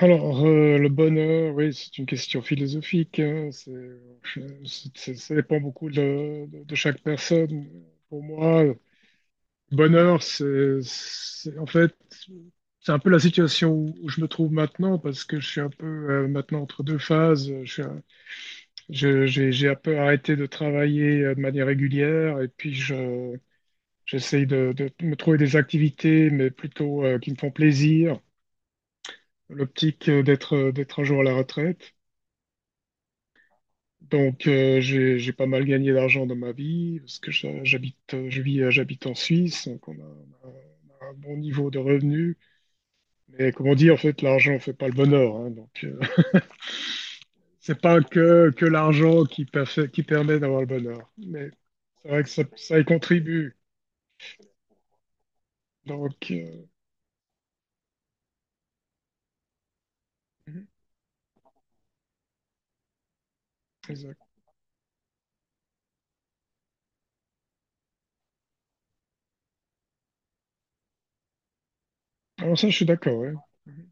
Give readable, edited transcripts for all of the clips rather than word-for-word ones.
Le bonheur, oui, c'est une question philosophique, hein. Ça dépend beaucoup de chaque personne. Pour moi, le bonheur, en fait, c'est un peu la situation où je me trouve maintenant, parce que je suis un peu maintenant entre deux phases. Je suis un- je- J'ai un peu arrêté de travailler de manière régulière, et puis j'essaye de me trouver des activités, mais plutôt qui me font plaisir. L'optique d'être un jour à la retraite. J'ai pas mal gagné d'argent dans ma vie, parce que j'habite en Suisse, donc on a un bon niveau de revenus. Mais comme on dit, en fait, l'argent fait pas le bonheur, hein. Donc c'est pas que l'argent qui, qui permet d'avoir le bonheur, mais c'est vrai que ça y contribue. Donc, euh, Exact. Alors ça, je suis d'accord, ouais. Mm-hmm.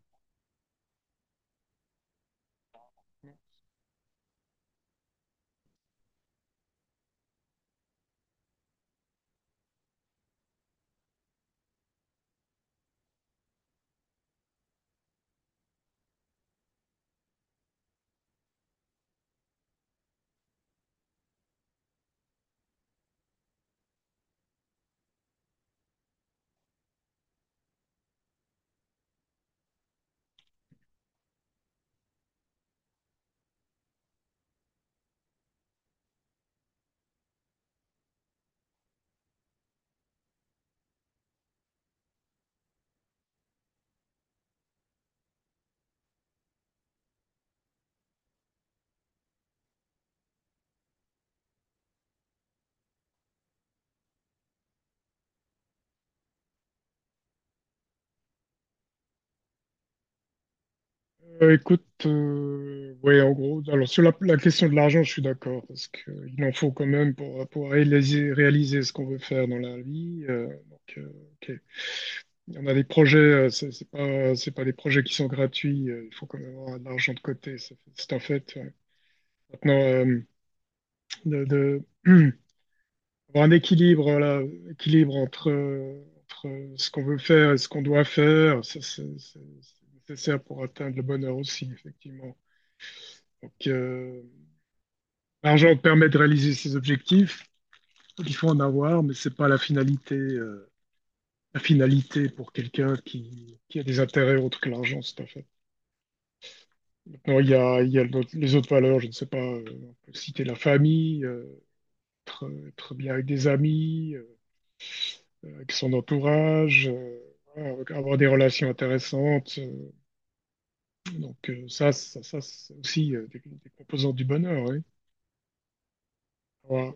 Écoute, ouais, en gros, alors sur la question de l'argent, je suis d'accord, parce qu'il en faut quand même pour réaliser ce qu'on veut faire dans la vie. Ok. Il y en a des projets, c'est pas des projets qui sont gratuits, il faut quand même avoir de l'argent de côté, c'est un fait, ouais. Maintenant, de, de- avoir un équilibre, voilà, équilibre entre ce qu'on veut faire et ce qu'on doit faire. Ça, c'est nécessaire pour atteindre le bonheur aussi, effectivement. Donc, euh, L'argent permet de réaliser ses objectifs. Il faut en avoir, mais c'est pas la finalité. La finalité pour quelqu'un qui a des intérêts autres que l'argent, c'est à fait. Maintenant, il y a les autres valeurs. Je ne sais pas, on peut citer la famille, être bien avec des amis, avec son entourage, voilà, avoir des relations intéressantes. Ça, c'est aussi des composantes du bonheur, oui. Voilà.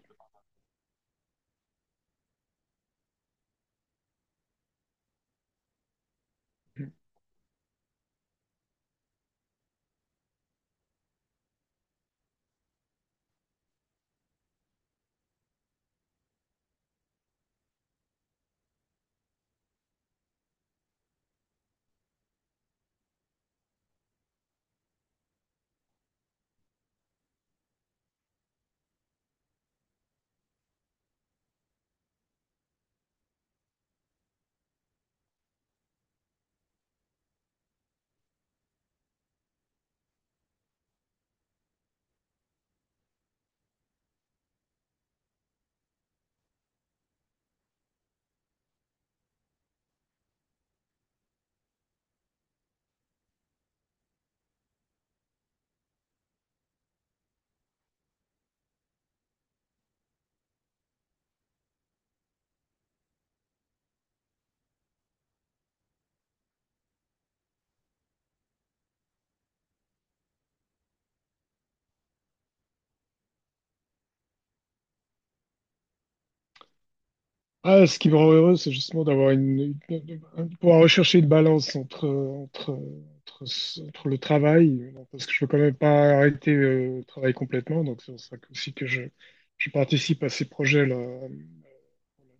Ah, ce qui me rend heureux, c'est justement d'avoir de pouvoir rechercher une balance entre le travail, parce que je veux quand même pas arrêter le travail complètement. Donc c'est pour ça je participe à ces projets-là.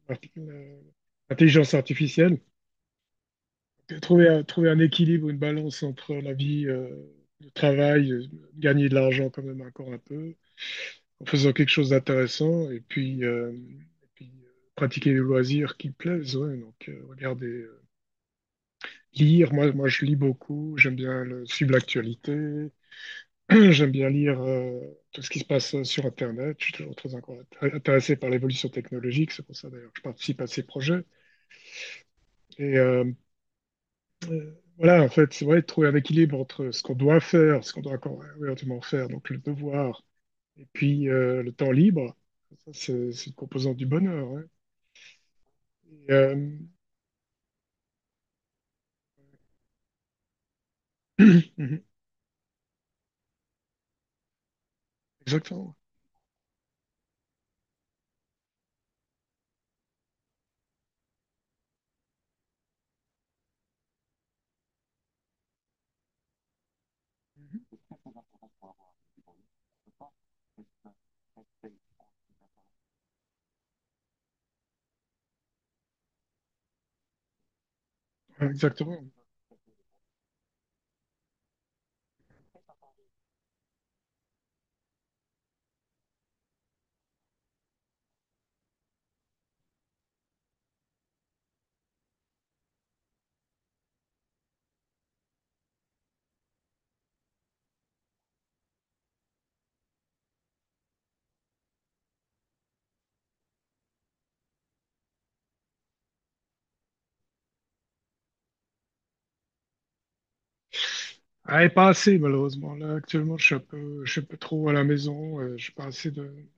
arti- euh, Intelligence artificielle. Trouver un équilibre, une balance entre la vie, le travail, gagner de l'argent quand même encore un peu, en faisant quelque chose d'intéressant, et puis, pratiquer les loisirs qui plaisent, ouais. Regardez, lire. Moi, je lis beaucoup, j'aime bien suivre l'actualité. J'aime bien lire tout ce qui se passe sur Internet. Je suis toujours très encore intéressé par l'évolution technologique, c'est pour ça d'ailleurs que je participe à ces projets. Et euh, voilà, en fait, c'est vrai, trouver un équilibre entre ce qu'on doit faire, ce qu'on doit encore éventuellement faire, donc le devoir, et puis le temps libre. C'est une composante du bonheur, ouais. Et, euh, Exactement. Exactement. Ah, et pas assez, malheureusement. Là, actuellement, je suis un peu trop à la maison. Je suis pas assez de.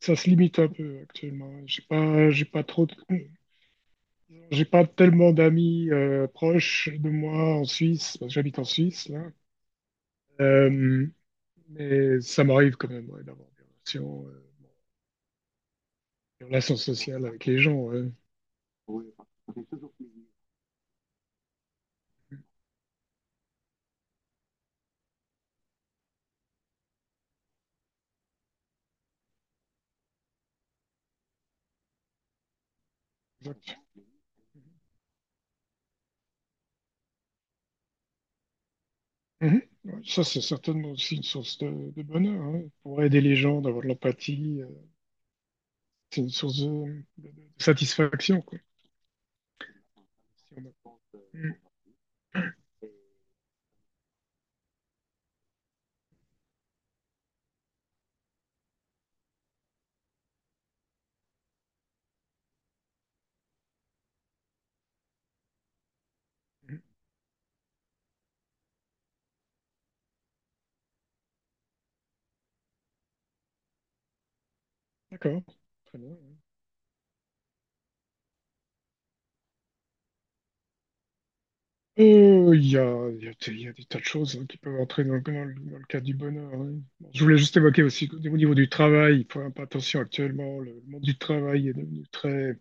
Ça se limite un peu actuellement. J'ai pas trop de- J'ai pas tellement d'amis proches de moi en Suisse, parce que j'habite en Suisse, là. Euh, mais ça m'arrive quand même, ouais, d'avoir des relations sociales avec les gens, ouais. Exact. Mhm. Ouais, ça, c'est certainement aussi une source de bonheur, hein. Pour aider les gens, d'avoir de l'empathie, c'est une source de satisfaction, quoi. Si on a- Mhm. Mhm. D'accord, très bien, ouais. Il y a des tas de choses, hein, qui peuvent entrer dans le cadre du bonheur, hein. Bon, je voulais juste évoquer aussi qu'au niveau du travail, il faut faire un peu attention actuellement. Le monde du travail est devenu très,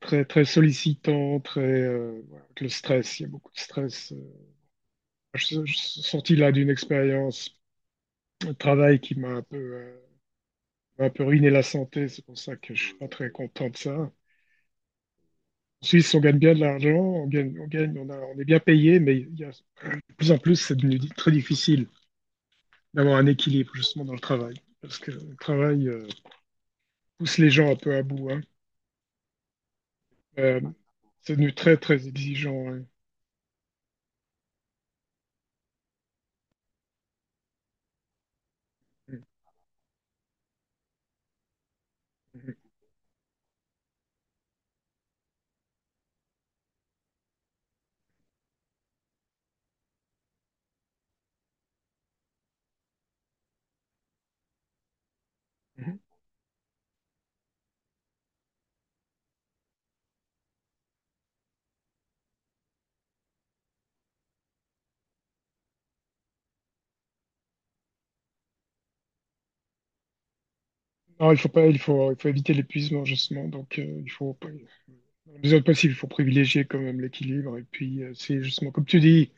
très, très sollicitant, très, voilà, avec le stress. Il y a beaucoup de stress, Je suis sorti là d'une expérience, le travail qui m'a un peu ruiné la santé. C'est pour ça que je suis pas très content de ça. En Suisse, on gagne bien de l'argent, on gagne, on gagne, on a- on est bien payé, mais il y a, de plus en plus, c'est devenu très difficile d'avoir un équilibre justement dans le travail, parce que le travail pousse les gens un peu à bout, hein. Euh, c'est devenu très très exigeant, ouais. Mhm, mhm, mhm. Non, il faut pas, il faut éviter l'épuisement justement. Donc, il faut, pas- dans la mesure du possible, il faut privilégier quand même l'équilibre. Et puis, c'est justement comme tu dis,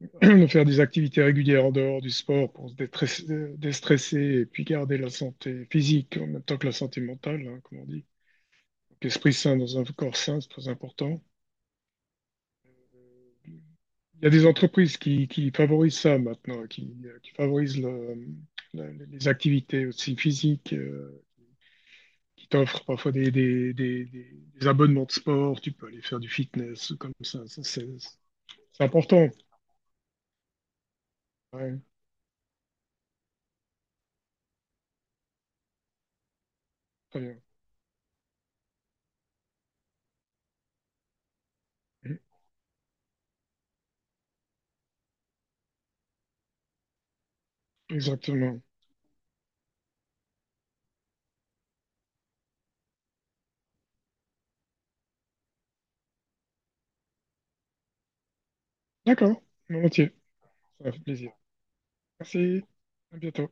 de faire des activités régulières en dehors du sport pour déstresser et puis garder la santé physique en même temps que la santé mentale, hein, comme on dit. Donc, esprit sain dans un corps sain, c'est très important. Il y a des entreprises qui favorisent ça maintenant, qui favorisent les activités aussi physiques, qui t'offrent parfois des abonnements de sport, tu peux aller faire du fitness comme ça. Ça c'est important. Ouais, très bien. Exactement. D'accord, volontiers, ça fait plaisir. Merci, à bientôt.